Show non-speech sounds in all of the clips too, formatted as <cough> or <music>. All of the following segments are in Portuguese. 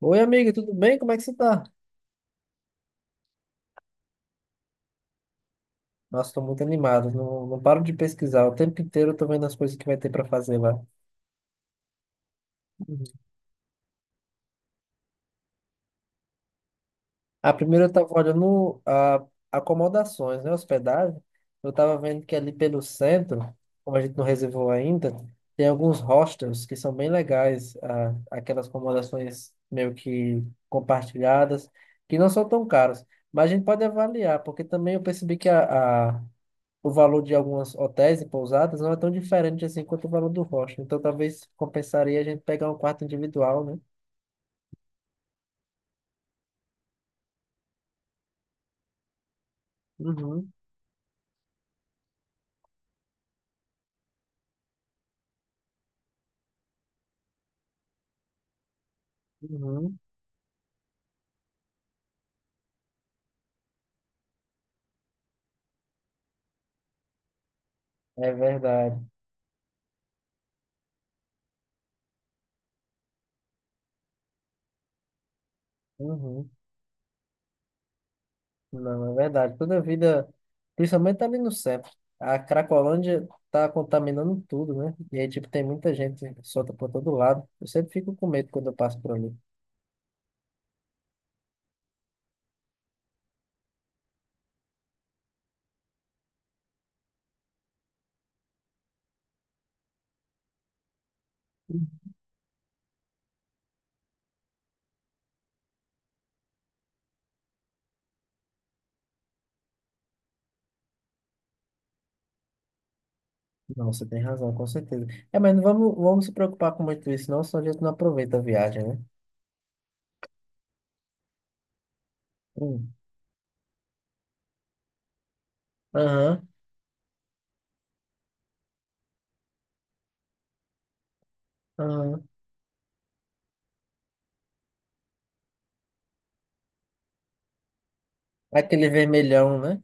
Oi, amiga, tudo bem? Como é que você tá? Nossa, tô muito animado, não paro de pesquisar. O tempo inteiro eu tô vendo as coisas que vai ter pra fazer lá. Uhum. Primeiro eu tava olhando acomodações, né? Hospedagem. Eu tava vendo que ali pelo centro, como a gente não reservou ainda, tem alguns hostels que são bem legais. Aquelas acomodações meio que compartilhadas, que não são tão caras. Mas a gente pode avaliar, porque também eu percebi que o valor de algumas hotéis e pousadas não é tão diferente assim quanto o valor do hostel. Então talvez compensaria a gente pegar um quarto individual, né? Uhum, uhum, é verdade. Uhum, não, é verdade. Toda vida, principalmente ali no centro, a Cracolândia tá contaminando tudo, né? E aí, tipo, tem muita gente solta por todo lado. Eu sempre fico com medo quando eu passo por ali. Não, você tem razão, com certeza. É, mas não vamos se preocupar com muito isso, não, senão a gente não aproveita a viagem, né? Hum. Aham, aham. É aquele vermelhão, né?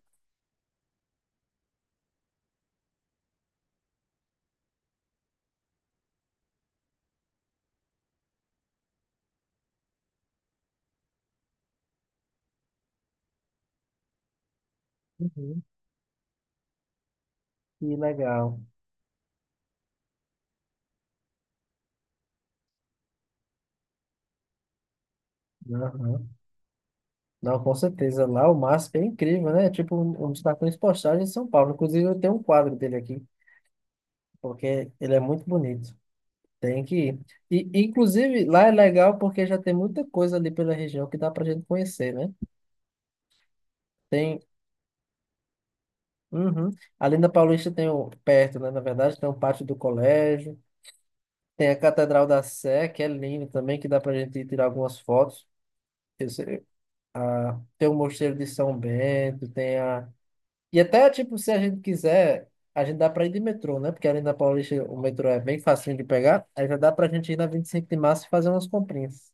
Uhum. Que legal. Uhum. Não, com certeza. Lá o MASP é incrível, né? É tipo um dos cartões postais de São Paulo. Inclusive, eu tenho um quadro dele aqui, porque ele é muito bonito. Tem que ir. E, inclusive, lá é legal porque já tem muita coisa ali pela região que dá pra gente conhecer, né? Tem. Uhum. Ali na Paulista tem o, perto, né? Na verdade, tem o pátio do colégio. Tem a Catedral da Sé, que é linda também, que dá pra gente ir tirar algumas fotos. Ah, tem o Mosteiro de São Bento, tem a. E até, tipo, se a gente quiser, a gente dá pra ir de metrô, né? Porque ali na Paulista o metrô é bem facinho de pegar. Aí já dá pra gente ir na 25 de março e fazer umas comprinhas.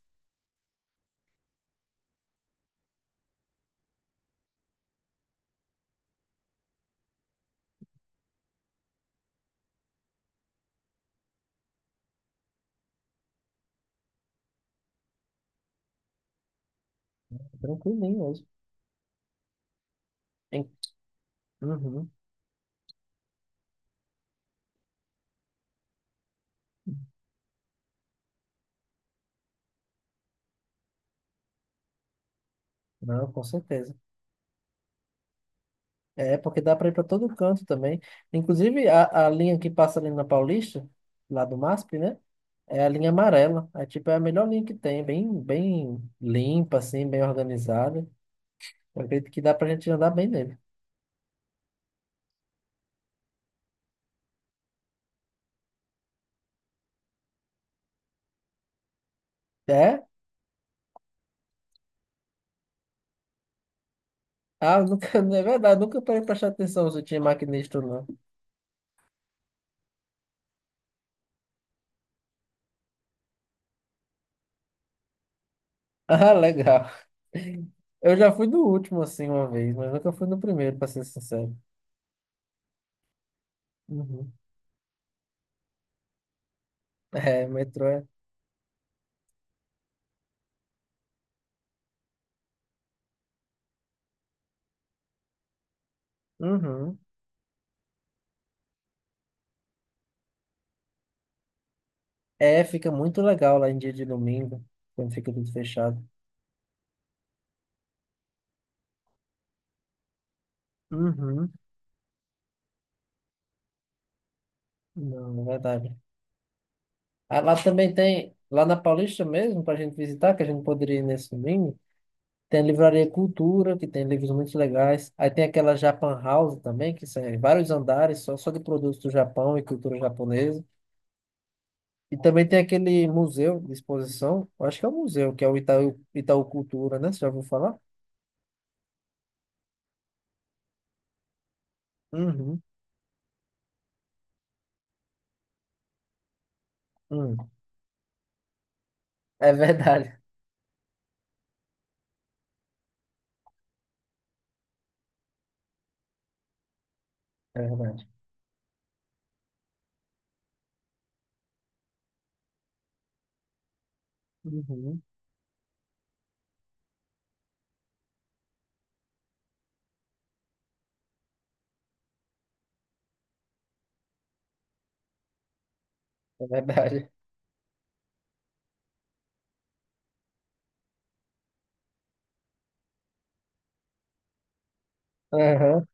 Tranquilinho hoje. Hein? Uhum. Não, com certeza. É, porque dá pra ir pra todo canto também. Inclusive, a linha que passa ali na Paulista, lá do MASP, né? É a linha amarela. É, tipo, é a melhor linha que tem. Bem, bem limpa, assim, bem organizada. Eu acredito que dá pra gente andar bem nele. É, nunca, <laughs> é verdade, nunca parei pra prestar atenção se tinha maquinista ou não. Ah, <laughs> legal. Eu já fui no último, assim, uma vez, mas nunca fui no primeiro, pra ser sincero. Uhum. É, metrô é. Uhum. É, fica muito legal lá em dia de domingo, quando fica tudo fechado. Uhum. Não, é verdade. Ah, lá também tem, lá na Paulista mesmo, pra gente visitar, que a gente poderia ir nesse domingo. Tem a Livraria Cultura, que tem livros muito legais. Aí tem aquela Japan House também, que são vários andares só de produtos do Japão e cultura japonesa. E também tem aquele museu de exposição, eu acho que é um museu, que é o Itaú, Itaú Cultura, né? Você já ouviu falar? Uhum, uhum. É verdade, <laughs> é verdade. Uhum, <laughs> é verdade. Aham.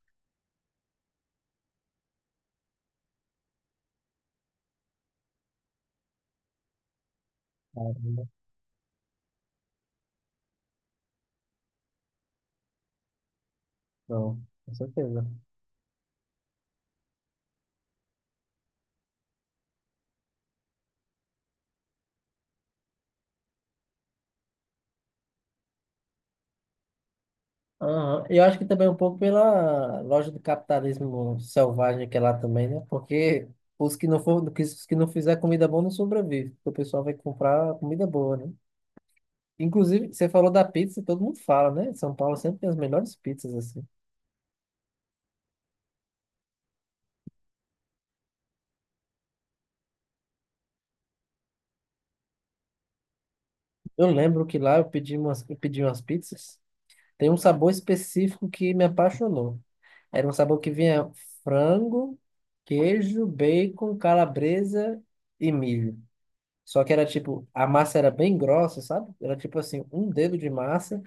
Caramba. Não, com certeza. Aham. E eu acho que também um pouco pela loja do capitalismo selvagem que é lá também, né? Porque os que não for, os que não fizer comida boa não sobrevive, porque o pessoal vai comprar comida boa, né? Inclusive, você falou da pizza, todo mundo fala, né? São Paulo sempre tem as melhores pizzas assim. Eu lembro que lá eu pedi umas pizzas. Tem um sabor específico que me apaixonou. Era um sabor que vinha frango, queijo, bacon, calabresa e milho. Só que era tipo, a massa era bem grossa, sabe? Era tipo assim, um dedo de massa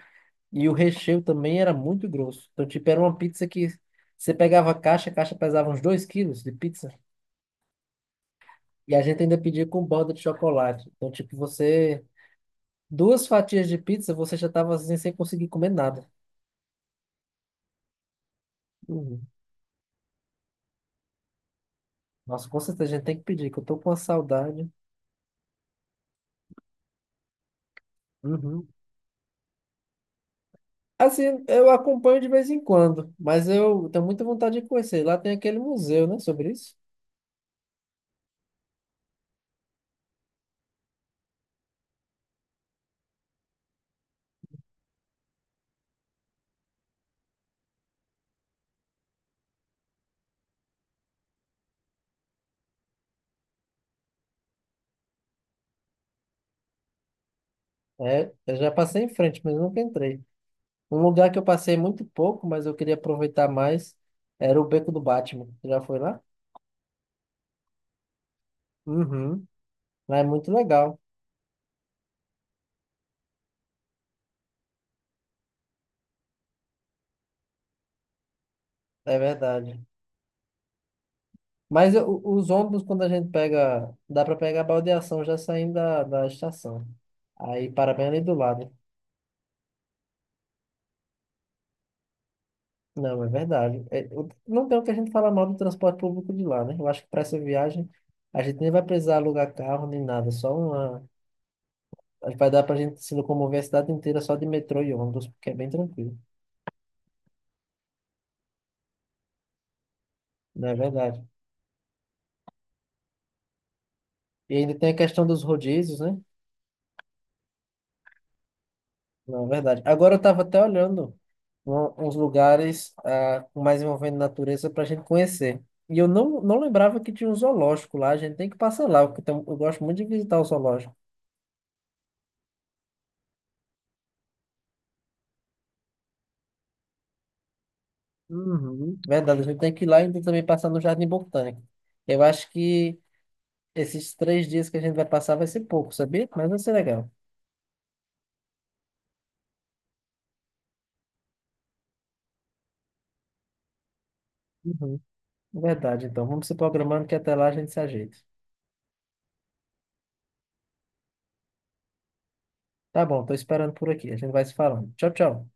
e o recheio também era muito grosso. Então, tipo, era uma pizza que você pegava a caixa pesava uns 2 quilos de pizza e a gente ainda pedia com borda de chocolate. Então, tipo, você. Duas fatias de pizza, você já tava assim, sem conseguir comer nada. Uhum. Nossa, com certeza a gente tem que pedir, que eu tô com uma saudade. Uhum. Assim, eu acompanho de vez em quando, mas eu tenho muita vontade de conhecer. Lá tem aquele museu, né, sobre isso. É, eu já passei em frente, mas nunca entrei. Um lugar que eu passei muito pouco, mas eu queria aproveitar mais, era o Beco do Batman. Você já foi lá? Uhum. Lá é muito legal, é verdade. Mas eu- os ônibus, quando a gente pega, dá para pegar a baldeação já saindo da estação. Aí para bem ali do lado. Não, é verdade. É, eu- não tem o que a gente falar mal do transporte público de lá, né? Eu acho que para essa viagem a gente nem vai precisar alugar carro nem nada, só uma. Acho que vai dar pra gente se locomover a cidade inteira só de metrô e ônibus, porque é bem tranquilo. Não, é verdade. E ainda tem a questão dos rodízios, né? Não, é verdade. Agora eu estava até olhando um- uns lugares mais envolvendo natureza para a gente conhecer. E eu não lembrava que tinha um zoológico lá. A gente tem que passar lá, porque tem- um, eu gosto muito de visitar o zoológico. Uhum. Verdade, a gente tem que ir lá e ainda também passar no Jardim Botânico. Eu acho que esses 3 dias que a gente vai passar vai ser pouco, sabia? Mas vai ser legal. Verdade, então. Vamos se programando que até lá a gente se ajeita. Tá bom, tô esperando por aqui. A gente vai se falando. Tchau, tchau.